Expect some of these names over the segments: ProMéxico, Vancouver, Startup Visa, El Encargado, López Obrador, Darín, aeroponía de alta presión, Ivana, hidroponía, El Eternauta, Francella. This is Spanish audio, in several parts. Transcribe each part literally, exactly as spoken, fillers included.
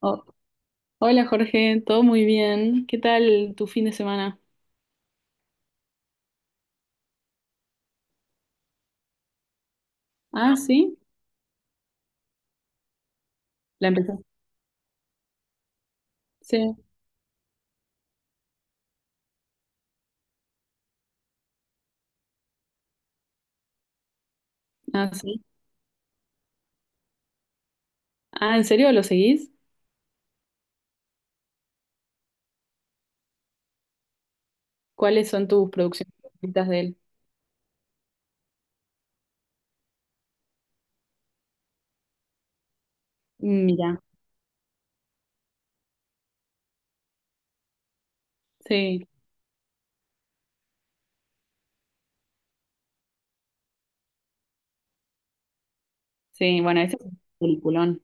Oh, hola Jorge, todo muy bien. ¿Qué tal tu fin de semana? Ah, sí, la empecé. Sí, ah, sí. Ah, ¿en serio lo seguís? ¿Cuáles son tus producciones favoritas de él? Mira, sí, sí, bueno, ese es un peliculón.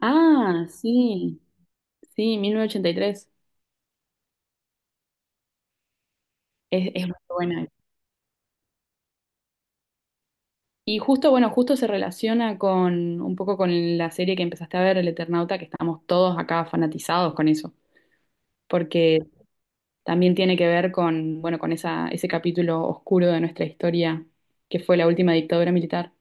Ah, sí, sí, mil novecientos ochenta y tres. Es, es muy buena. Y justo, bueno, justo se relaciona con un poco con la serie que empezaste a ver, El Eternauta, que estamos todos acá fanatizados con eso. Porque también tiene que ver con, bueno, con esa, ese capítulo oscuro de nuestra historia, que fue la última dictadura militar.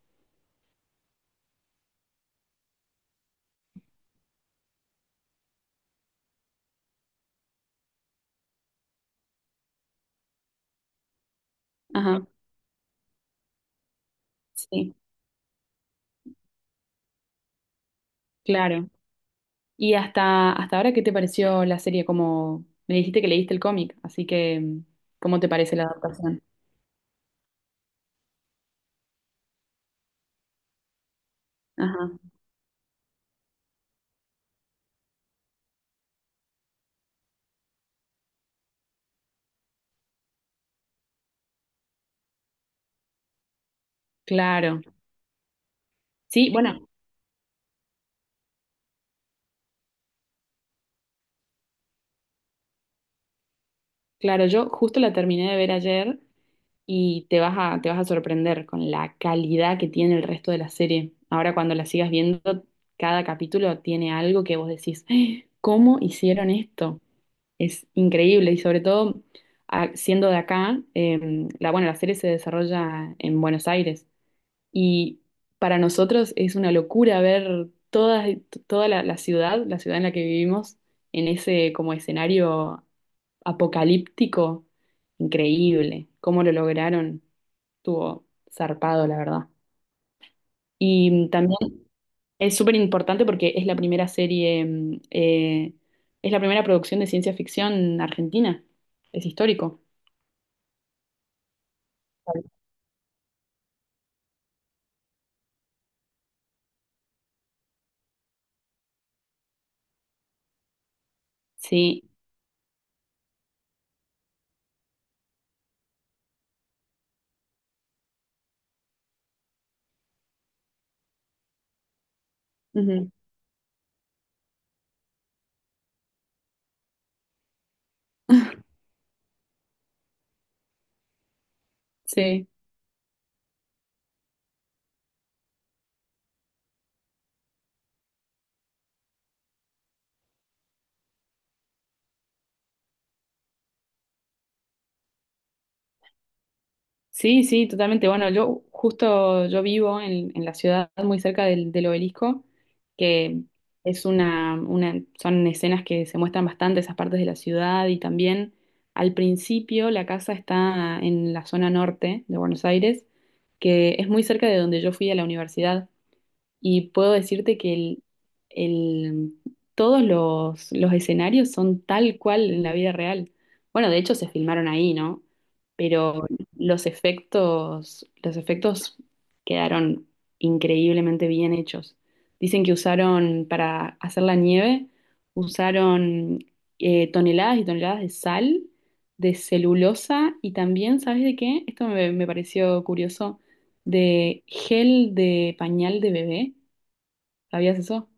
Ajá, sí, claro. Y hasta, hasta ahora, ¿qué te pareció la serie? Como me dijiste que leíste el cómic, así que ¿cómo te parece la adaptación? Ajá, claro. Sí, bueno, claro, yo justo la terminé de ver ayer y te vas a, te vas a sorprender con la calidad que tiene el resto de la serie. Ahora cuando la sigas viendo, cada capítulo tiene algo que vos decís, "Ah, ¿cómo hicieron esto? Es increíble". Y sobre todo a- siendo de acá, eh, la, bueno, la serie se desarrolla en Buenos Aires y para nosotros es una locura ver toda, toda la, la ciudad, la ciudad en la que vivimos, en ese como escenario apocalíptico. Increíble, cómo lo lograron. Estuvo zarpado, la verdad. Y mm, también es súper importante porque es la primera serie, mm, eh, es la primera producción de ciencia ficción argentina. Es histórico. Sí. Ujú. Sí. Sí, sí, totalmente. Bueno, yo justo yo vivo en, en la ciudad muy cerca del, del obelisco, que es una, una, son escenas que se muestran bastante esas partes de la ciudad y también al principio la casa está en la zona norte de Buenos Aires, que es muy cerca de donde yo fui a la universidad. Y puedo decirte que el, el- todos los, los escenarios son tal cual en la vida real. Bueno, de hecho se filmaron ahí, ¿no? Pero los efectos, los efectos quedaron increíblemente bien hechos. Dicen que usaron, para hacer la nieve, usaron eh, toneladas y toneladas de sal, de celulosa y también, ¿sabes de qué? Esto me me pareció curioso, de gel de pañal de bebé. ¿Sabías eso?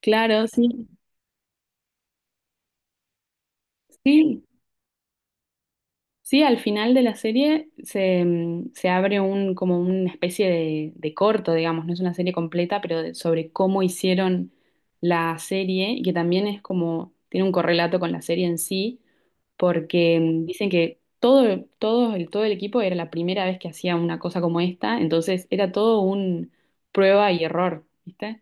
Claro, sí, sí, sí, al final de la serie se, mm, se abre un, como una especie de, de corto, digamos, no es una serie completa, pero de- sobre cómo hicieron la serie y que también es como, tiene un correlato con la serie en sí, porque mm, dicen que todo, todo, el, todo el equipo era la primera vez que hacía una cosa como esta, entonces era todo un prueba y error, ¿viste?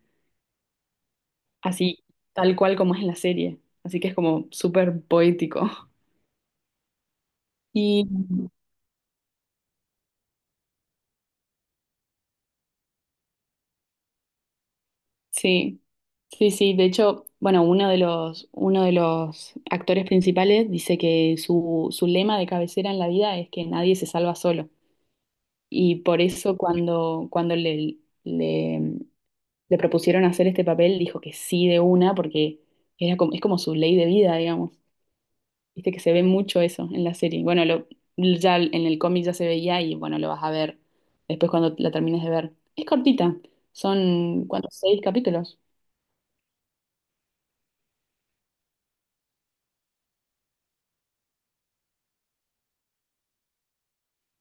Así, tal cual como es la serie, así que es como súper poético. Y sí, sí, sí. De hecho, bueno, uno de los, uno de los actores principales dice que su, su lema de cabecera en la vida es que nadie se salva solo. Y por eso cuando, cuando le, le, le propusieron hacer este papel, dijo que sí de una, porque era como, es como su ley de vida, digamos. Viste que se ve mucho eso en la serie. Bueno, lo, ya en el cómic ya se veía y bueno, lo vas a ver después cuando la termines de ver. Es cortita, son, ¿cuántos? Seis capítulos.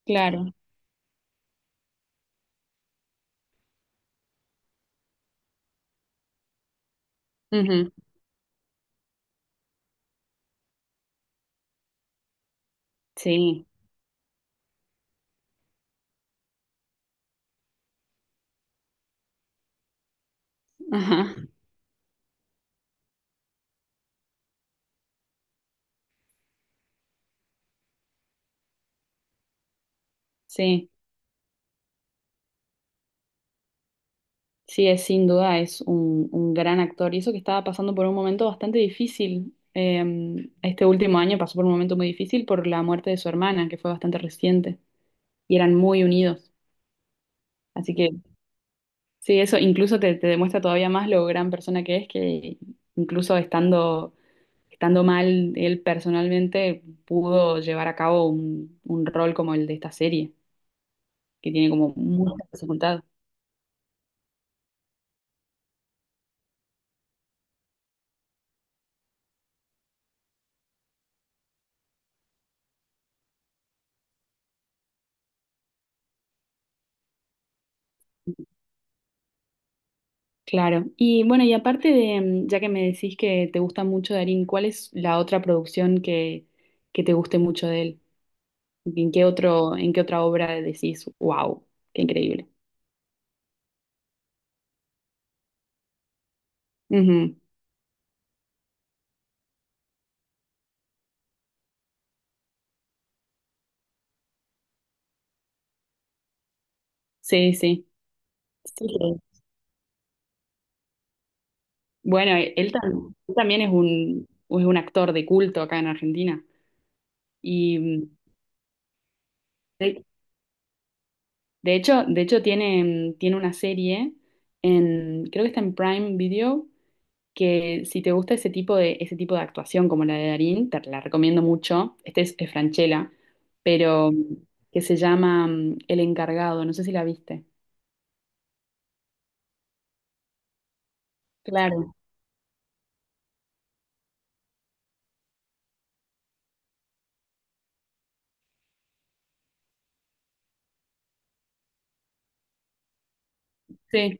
Claro, ujú. Sí, ajá, sí, sí, es sin duda es un, un gran actor y eso que estaba pasando por un momento bastante difícil. Eh, este último año pasó por un momento muy difícil por la muerte de su hermana, que fue bastante reciente y eran muy unidos. Así que sí, eso incluso te, te demuestra todavía más lo gran persona que es, que incluso estando, estando mal, él personalmente pudo llevar a cabo un, un rol como el de esta serie, que tiene como mucha dificultad. Claro. Y bueno, y aparte de, mm, ya que me decís que te gusta mucho Darín, ¿cuál es la otra producción que, que te guste mucho de él? ¿En qué otro, en qué otra obra decís, wow, qué increíble? Ujú. Sí, sí. Sí. Bueno, e, él, tam- él también es un, es un actor de culto acá en Argentina. Y mm, de hecho, de hecho tiene, tiene una serie en, creo que está en Prime Video, que si te gusta ese tipo de, ese tipo de actuación como la de Darín, te la recomiendo mucho. Este es, es Francella, pero mm, que se llama mm, El Encargado, no sé si la viste. Claro. Sí,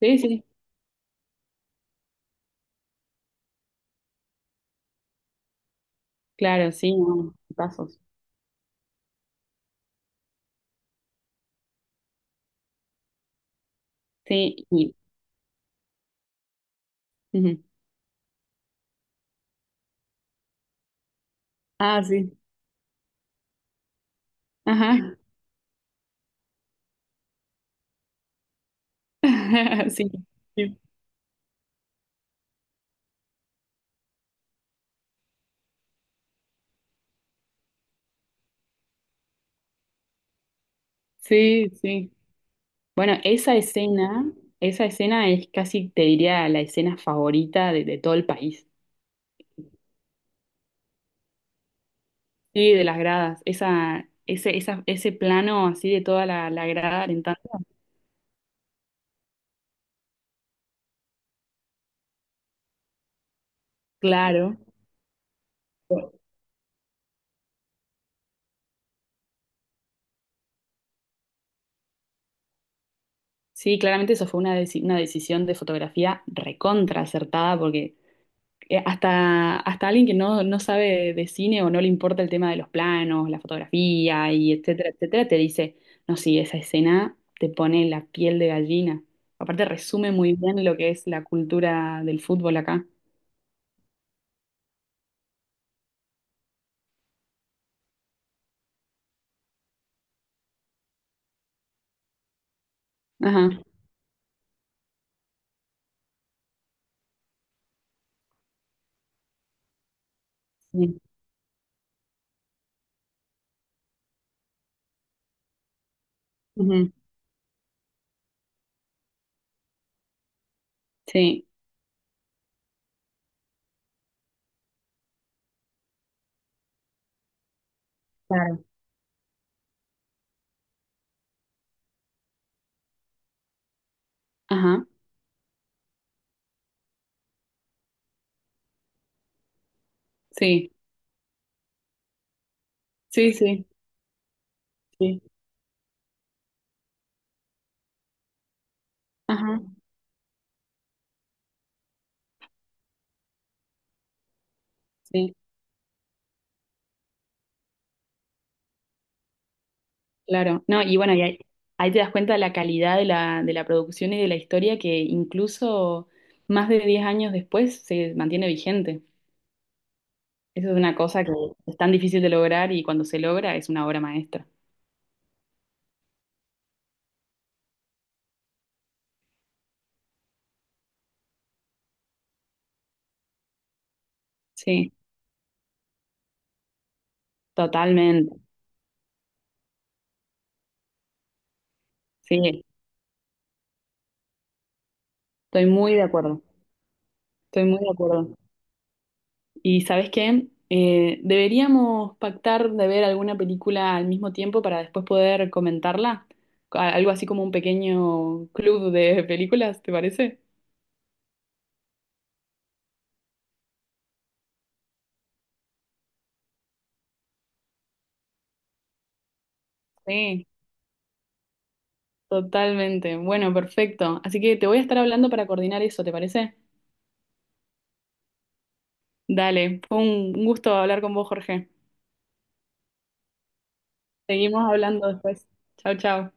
sí, sí, claro, sí, no, pasos. Sí, y- ujú. Ah, sí, ajá. Sí, sí, sí. Sí. Bueno, esa escena, esa escena es casi, te diría, la escena favorita de, de todo el país. Sí, de las gradas. Esa, ese, esa, ese plano así de toda la, la grada alentando. Claro. Sí, claramente eso fue una, deci- una decisión de fotografía recontra acertada porque eh, hasta, hasta alguien que no, no sabe de cine o no le importa el tema de los planos, la fotografía y etcétera, etcétera, te dice, no, sí, esa escena te pone la piel de gallina. Aparte resume muy bien lo que es la cultura del fútbol acá. Ajá. Sí. Ujú. Sí, claro. Ajá. Sí. Sí, sí, sí. Ajá. Sí, claro. No, y bueno, y ahí, ahí te das cuenta de la calidad de la, de la producción y de la historia que incluso más de diez años después se mantiene vigente. Eso es una cosa que es tan difícil de lograr y cuando se logra es una obra maestra. Sí, totalmente. Sí, estoy muy de acuerdo. Estoy muy de acuerdo. ¿Y sabes qué? Eh, deberíamos pactar de ver alguna película al mismo tiempo para después poder comentarla. A- Algo así como un pequeño club de películas, ¿te parece? Sí, totalmente. Bueno, perfecto. Así que te voy a estar hablando para coordinar eso, ¿te parece? Dale, fue un un gusto hablar con vos, Jorge. Seguimos hablando después. Chao, chao.